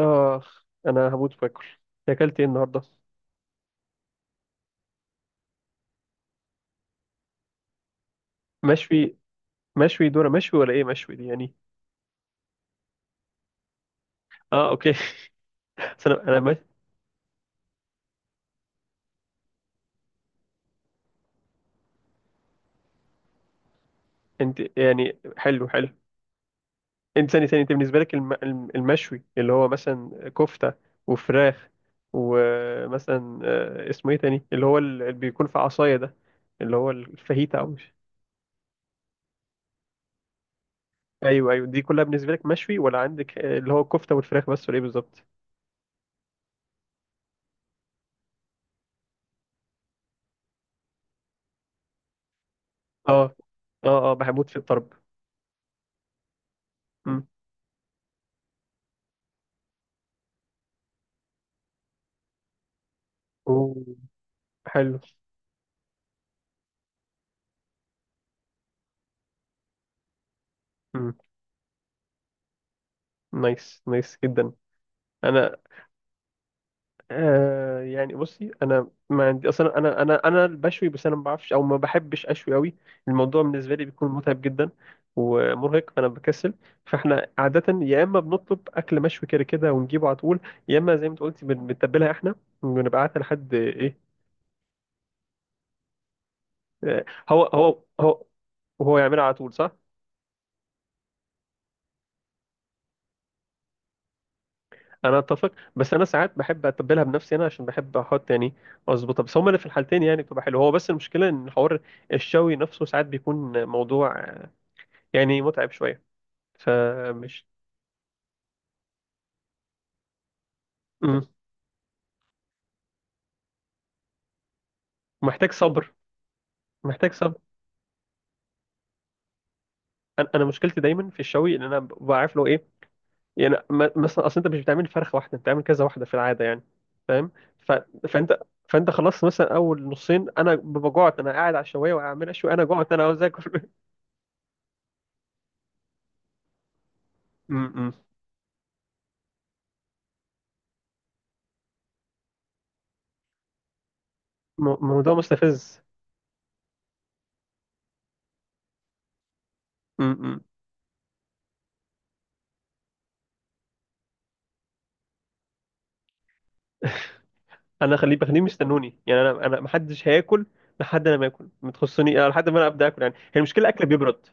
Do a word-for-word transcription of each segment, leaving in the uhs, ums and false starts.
آه، أنا هموت وآكل. أكلت إيه النهاردة؟ مشوي. مشوي دورة مشوي، ولا إيه مشوي دي يعني؟ آه، أوكي. بس أنا أنا مش. أنت يعني حلو حلو. أنت ثاني ثاني، أنت بالنسبة لك الم... الم- المشوي اللي هو مثلا كفتة وفراخ، ومثلا آه، اسمه إيه تاني؟ اللي هو ال- اللي بيكون في عصاية ده، اللي هو الفاهيتا أو مش. أيوه أيوه، دي كلها بالنسبة لك مشوي، ولا عندك آه، اللي هو الكفتة والفراخ بس، ولا إيه بالظبط؟ آه، آه، آه، بحبوت في الطرب. مم. أوه، حلو. نايس نايس جدا. انا. آه يعني بصي، انا ما عندي اصلا، انا انا انا بشوي، بس انا ما بعرفش او ما بحبش اشوي قوي. الموضوع بالنسبه لي بيكون متعب جدا ومرهق، فانا بكسل. فاحنا عاده يا اما بنطلب اكل مشوي كده كده ونجيبه على طول، يا اما زي ما انت قلتي بن- بنتبلها احنا ونبعتها لحد ايه. آه، هو هو هو. وهو يعملها على طول، صح. انا اتفق، بس انا ساعات بحب اتبلها بنفسي انا، عشان بحب احط يعني، اظبطها، بس هما اللي في الحالتين يعني بتبقى حلوه. هو بس المشكله ان حوار الشوي نفسه ساعات بيكون موضوع، يعني متعب شويه، فمش. امم. محتاج صبر. محتاج صبر. انا، أنا مشكلتي دايما في الشوي ان انا بعرف له ايه، يعني م- مثلا اصل انت مش بتعمل فرخه واحده، انت بتعمل كذا واحده في العاده يعني. فاهم. ف... فانت، فانت خلصت مثلا اول نصين، انا ببقى جوعت، انا قاعد على الشوايه واعمل اشوي، انا جوعت، انا عاوز اكل. م- م. م- موضوع مستفز. امم. انا خليه خليهم يستنوني، يعني انا انا محدش هياكل لحد انا ما اكل ما تخصني انا، لحد ما انا ابدا اكل، يعني هي المشكله اكل بيبرد.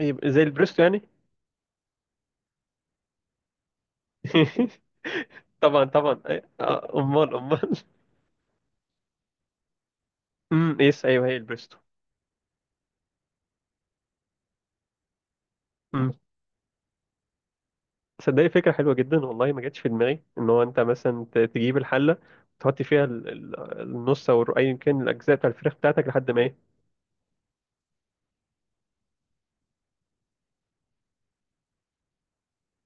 يبقى زي البريستو يعني. طبعا طبعا. آه، امال امال. امم، يس، ايوه هي البريستو. امم، صدقني فكره حلوه جدا، والله ما جاتش في دماغي ان هو انت مثلا ت- تجيب الحله، تحط فيها ال- ال- النص او الر- ايا كان الاجزاء بتاع الفراخ بتاعتك لحد ما ايه.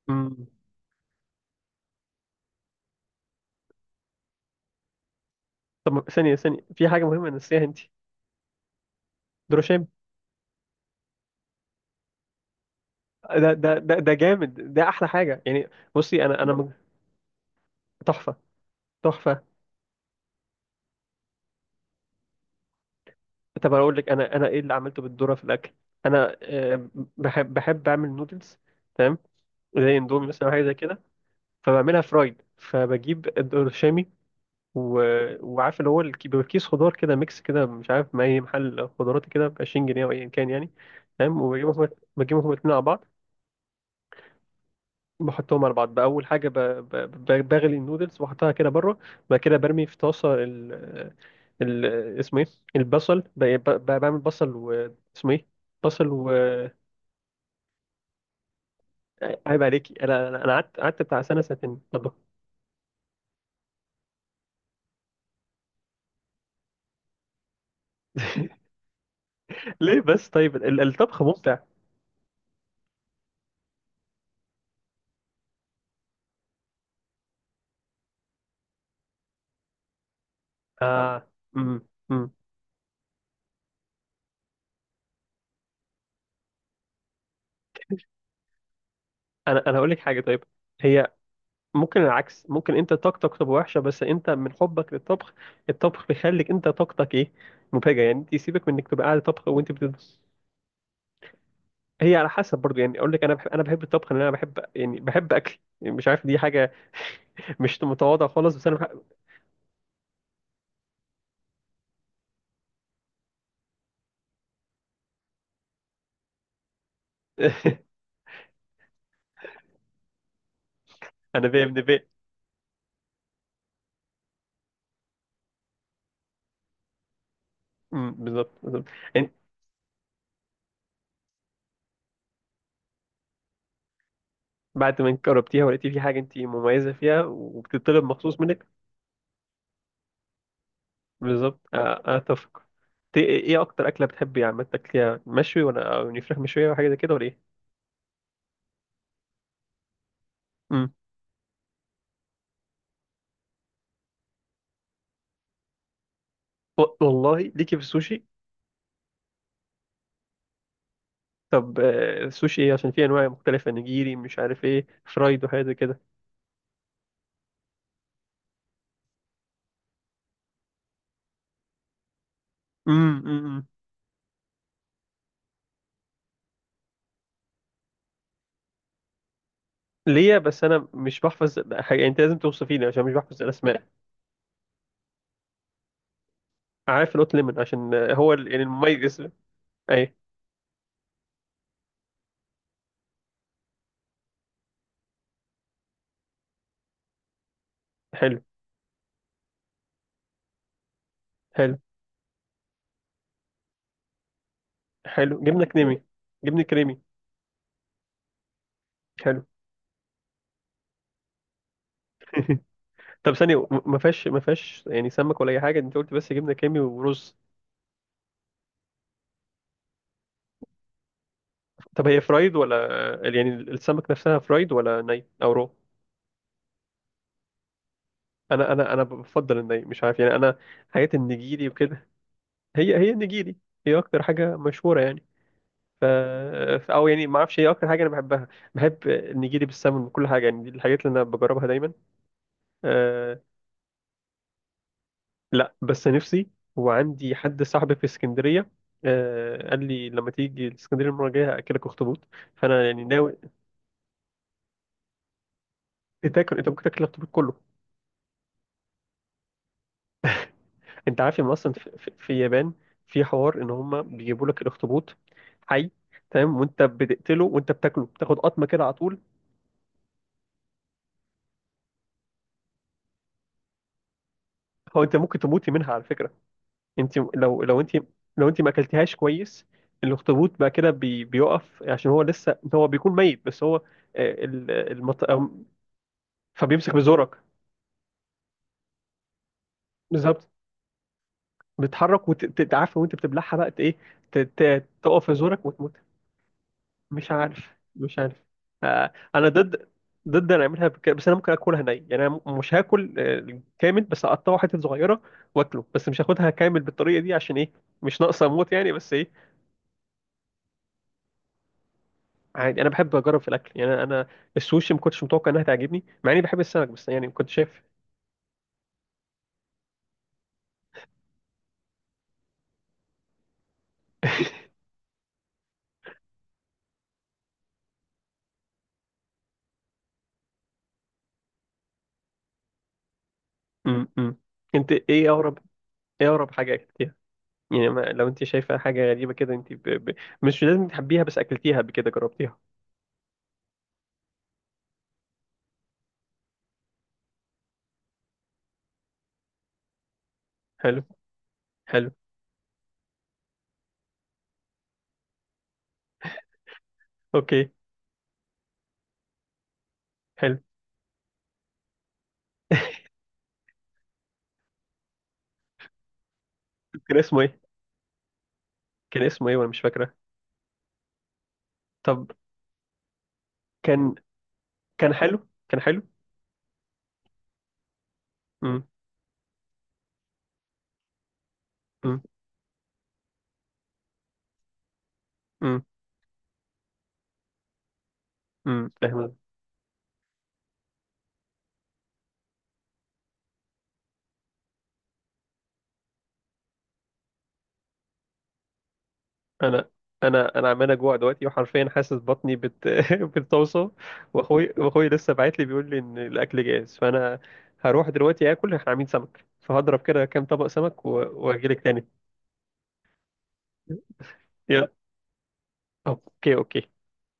امم. طب ما- ثانيه ثانيه، في حاجه مهمه نسيها انت. دروشيم. ده ده ده ده جامد، ده احلى حاجه يعني. بصي انا، انا ما. تحفة. تحفة. طب أقول لك أنا، أنا إيه اللي عملته بالذرة في الأكل. أنا، آه، بحب بحب أعمل نودلز. تمام. زي اندومي مثلا أو حاجة زي كده. فبعملها فرايد، فبجيب الشامي و. وعارف اللي هو الكي- بيبقى كيس خضار كده ميكس كده، مش عارف ما أي محل خضارات كده ب عشرين جنيه أو أيا كان يعني. تمام وبجيبهم. بجيبهم الاتنين على بعض. بحطهم على بعض. بأول حاجة ب- ب- ب- بغلي النودلز وأحطها كده بره. بعد كده برمي في طاسة ال، ال، اسمه إيه؟ البصل ب- ب- بعمل بصل و، اسمه إيه؟ بصل و. عيب عليكي، أنا أنا أنا قعدت قعدت بتاع سنة سنتين طبخ. ليه بس؟ طيب ال- الطبخ ممتع. آه. أمم. أمم. أنا أنا هقول لك حاجة، طيب. هي ممكن العكس، ممكن أنت طاقتك تبقى وحشة، بس أنت من حبك للطبخ، الطبخ بيخليك أنت طاقتك إيه، مبهجة يعني، أنت يسيبك من إنك تبقى قاعد طبخ وأنت بتدرس. هي على حسب برضو يعني، اقول لك انا بحب انا بحب الطبخ، لان انا بحب، يعني بحب اكل يعني، مش عارف، دي حاجه مش متواضعه خالص، بس انا بحب. انا بيه، ابن بيه. أمم، بالظبط بالظبط. يعني بعد ما جربتيها ولقيتي في حاجه انت مميزه فيها، وبتطلب مخصوص منك. بالظبط، أ- اتفق. ت- ايه اكتر اكله بتحبي عامه تاكليها، مشوي ولا، أو يعني فراخ مشويه، ولا حاجه زي كده، ولا ايه؟ أمم. و- والله ليكي في السوشي. طب آه، السوشي ايه؟ عشان في انواع مختلفه، نجيري، مش عارف ايه، فرايد وحاجات زي كده. امم، امم، امم. ليا، بس انا مش بحفظ حاجه يعني، انت لازم توصفيني عشان مش بحفظ الاسماء. عارف القط ليمون عشان هو ال- يعني المميز. اي، حلو حلو حلو. جبنه كريمي. جبنه كريمي. حلو. طب ثانيه، م- ما فيهاش ما فيهاش يعني سمك ولا اي حاجه؟ انت قلت بس جبنه كريمي ورز. طب هي فرايد، ولا يعني السمك نفسها فرايد ولا ني او رو؟ انا انا انا بفضل الني، مش عارف يعني، انا حاجات النجيري وكده. هي هي النجيري هي اكتر حاجه مشهوره يعني. ف... ف- او يعني ما اعرفش، هي اكتر حاجه انا بحبها، بحب النجيلي بالسمن وكل حاجه يعني، دي الحاجات اللي انا بجربها دايما. أه. لا، بس نفسي، وعندي حد صاحبي في اسكندريه. أه، قال لي لما تيجي اسكندريه المره الجايه هاكلك اخطبوط، فانا يعني ناوي. تاكل، انت ممكن تاكل الاخطبوط كله. انت عارف ان اصلا في, في, في اليابان في حوار ان هم بيجيبوا لك الاخطبوط حي، تمام، وانت بتقتله وانت بتاكله، بتاخد قطمه كده على طول. هو انت ممكن تموت منها على فكره، انت لو لو انت لو انت ما اكلتهاش كويس، الاخطبوط بقى كده بي بيقف عشان هو لسه، هو بيكون ميت، بس هو آه، ال- المط... أو- فبيمسك بزورك. بالظبط، بتتحرك وتتعافى وانت بتبلعها بقى، ت- ايه، ت- ت- تقف في زورك وتموت. مش عارف، مش عارف. آه، انا ضد، ضد انا اعملها بك... بس انا ممكن اكلها ني يعني، انا م- مش هاكل آه، كامل، بس اقطعه حتت صغيره واكله، بس مش هاخدها كامل بالطريقه دي عشان ايه، مش ناقصه اموت يعني، بس ايه. عادي، انا بحب اجرب في الاكل يعني، انا السوشي ما كنتش متوقع انها تعجبني مع اني بحب السمك، بس يعني كنت شايف. امم. انت ايه اغرب، ايه اغرب حاجه اكلتيها؟ يعني ما لو انت شايفه حاجه غريبه كده، انت ب... ب... مش لازم تحبيها، بس اكلتيها قبل كده، جربتيها. حلو. حلو. اوكي. حلو. كان اسمه ايه؟ كان اسمه ايه وانا مش فاكره. طب كان كان حلو، كان حلو. امم. امم. امم. امم. انا انا انا عمال اجوع دلوقتي، وحرفيا حاسس بطني بت... بتوصى. واخوي واخوي لسه باعت لي بيقول لي ان الاكل جاهز، فانا هروح دلوقتي اكل. احنا عاملين سمك، فهضرب كده كام طبق سمك و. واجي لك تاني. يلا. اوكي اوكي.